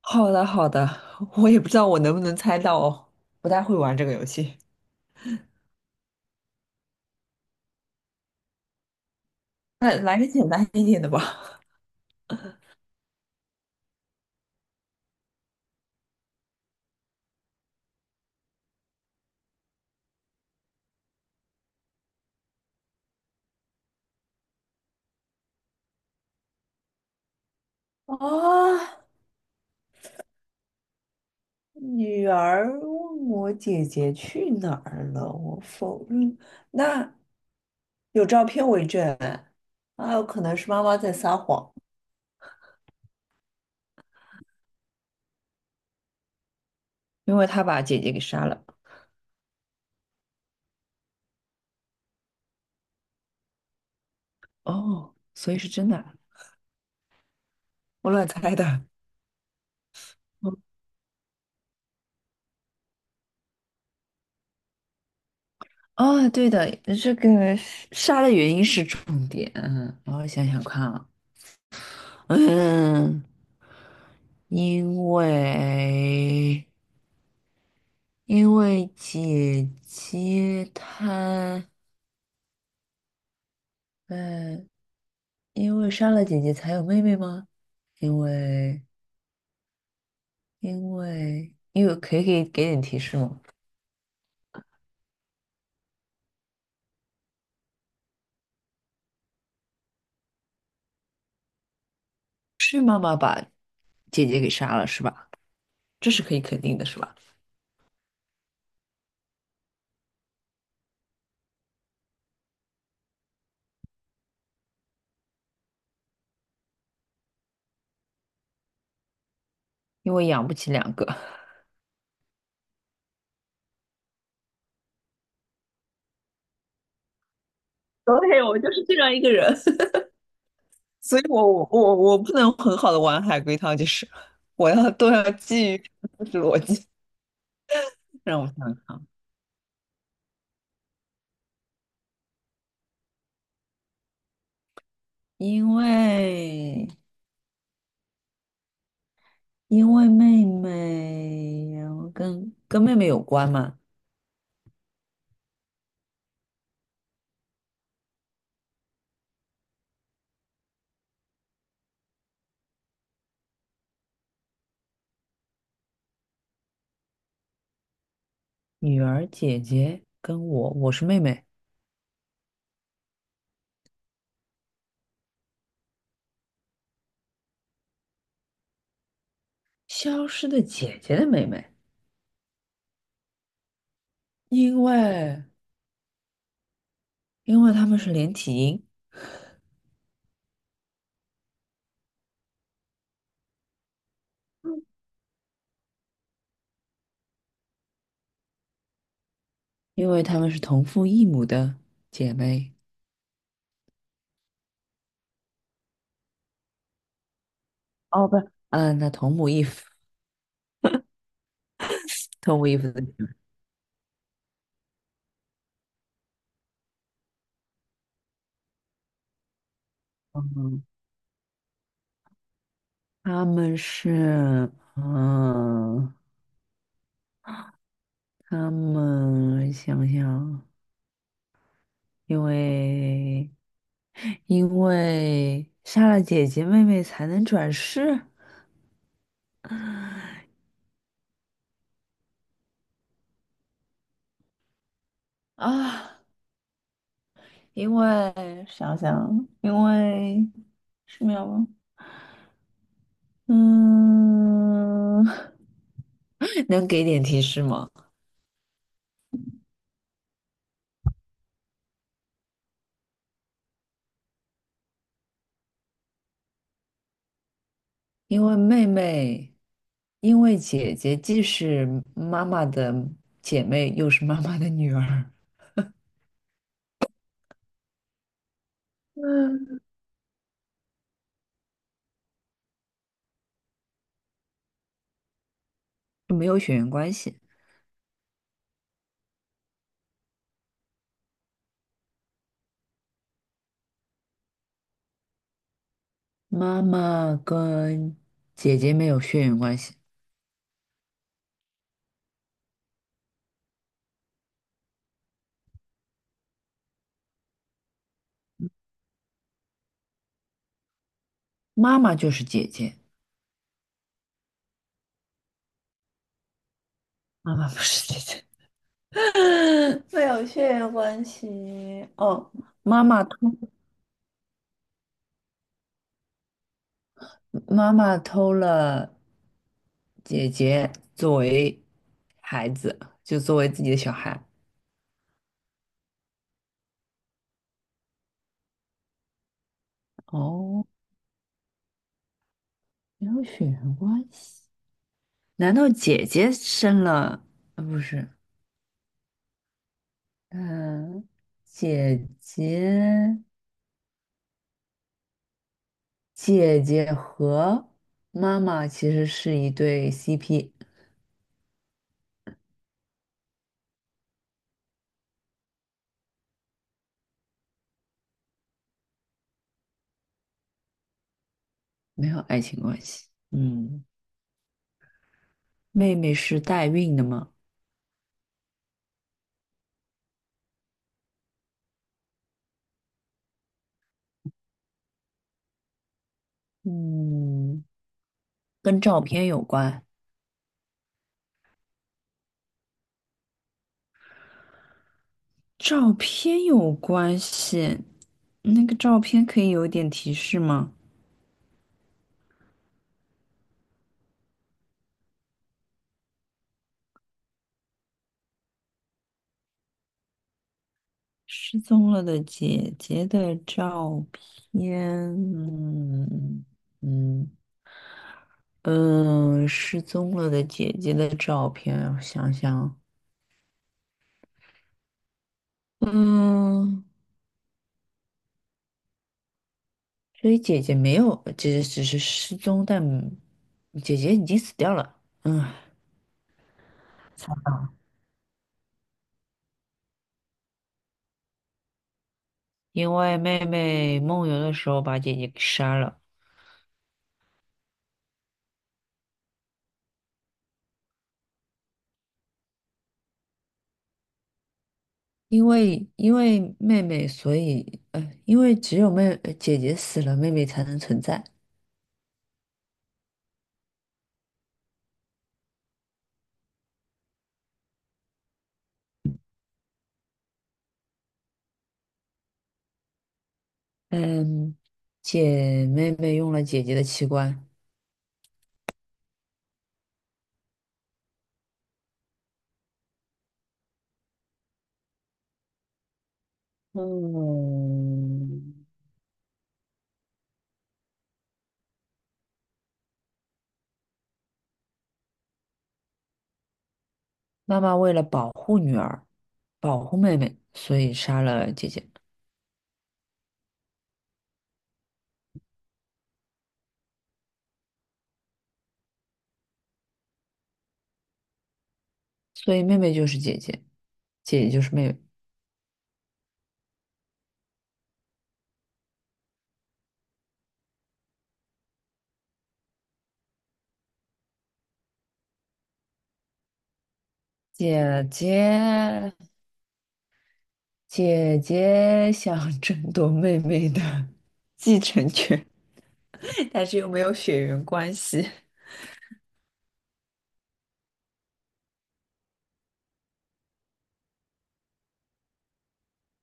好的，好的，我也不知道我能不能猜到哦，不太会玩这个游戏。那来个简单一点的吧。啊，女儿问我姐姐去哪儿了，我否认。那有照片为证，啊，有可能是妈妈在撒谎。因为她把姐姐给杀了，哦，所以是真的啊，我乱猜的。嗯，哦，对的，这个杀的原因是重点。嗯，然后想想看啊，嗯。因为因为姐姐她，嗯，因为杀了姐姐才有妹妹吗？因为可以给点提示吗？是妈妈把姐姐给杀了是吧？这是可以肯定的是吧？因为养不起两个。对，我就是这样一个人，所以我不能很好的玩海龟汤，就是我要基于就是逻辑，让我想，因为。因为妹妹，然后跟妹妹有关嘛，女儿姐姐跟我，我是妹妹，消失的姐姐的妹妹，因为因为她们是连体婴，因为她们是同父异母的姐妹，哦，不是，嗯，那同母异父，同母异父的，嗯，她们是，嗯，她们想想，因为因为杀了姐姐妹妹才能转世。啊，因为想想，因为是秒吗？嗯，能给点提示吗？因为妹妹，因为姐姐既是妈妈的姐妹，又是妈妈的女儿，嗯，没有血缘关系。妈妈跟姐姐没有血缘关系，妈妈就是姐姐，妈妈不是姐姐。没有血缘关系。哦，妈妈偷，妈妈偷了姐姐作为孩子，就作为自己的小孩。哦，没有血缘关系？难道姐姐生了？呃，不是，嗯、姐姐，姐姐和妈妈其实是一对 CP，没有爱情关系。嗯，妹妹是代孕的吗？嗯。跟照片有关。照片有关系，那个照片可以有一点提示吗？失踪了的姐姐的照片，嗯嗯嗯，失踪了的姐姐的照片，我想想，嗯，所以姐姐没有，姐姐只是失踪，但姐姐已经死掉了。嗯，因为妹妹梦游的时候把姐姐给杀了。因为妹妹，所以因为只有姐姐死了，妹妹才能存在。嗯，妹妹用了姐姐的器官。嗯，妈妈为了保护女儿，保护妹妹，所以杀了姐姐。所以妹妹就是姐姐，姐姐就是妹妹。姐姐姐姐想争夺妹妹的继承权，但是又没有血缘关系。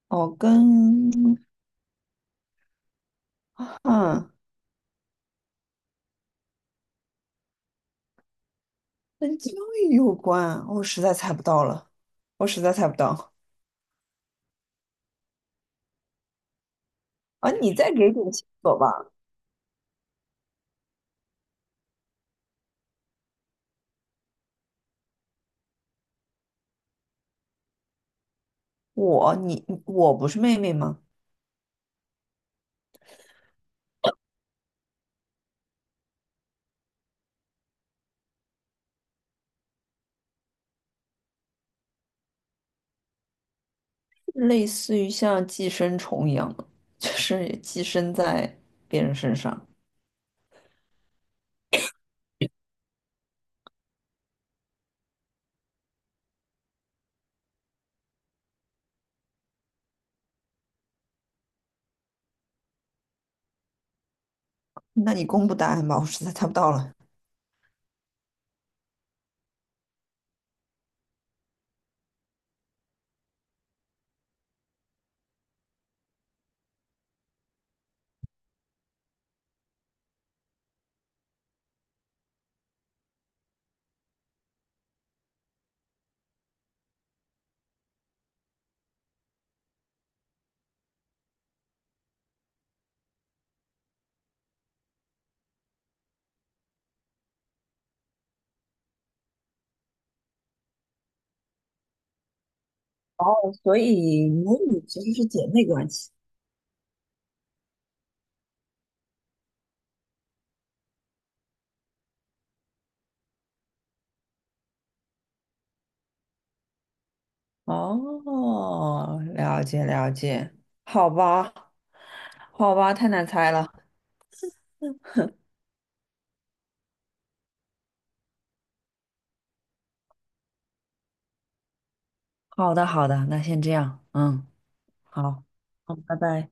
哦，跟嗯，跟教育有关，我实在猜不到了，我实在猜不到。啊！你再给点线索吧。我，你，我不是妹妹吗？类似于像寄生虫一样的，就是也寄生在别人身上。那你公布答案吧，我实在猜不到了。所以母女其实是姐妹关系。哦，了解了解，好吧，好吧，太难猜了。好的好的，那先这样，嗯，好，好，拜拜。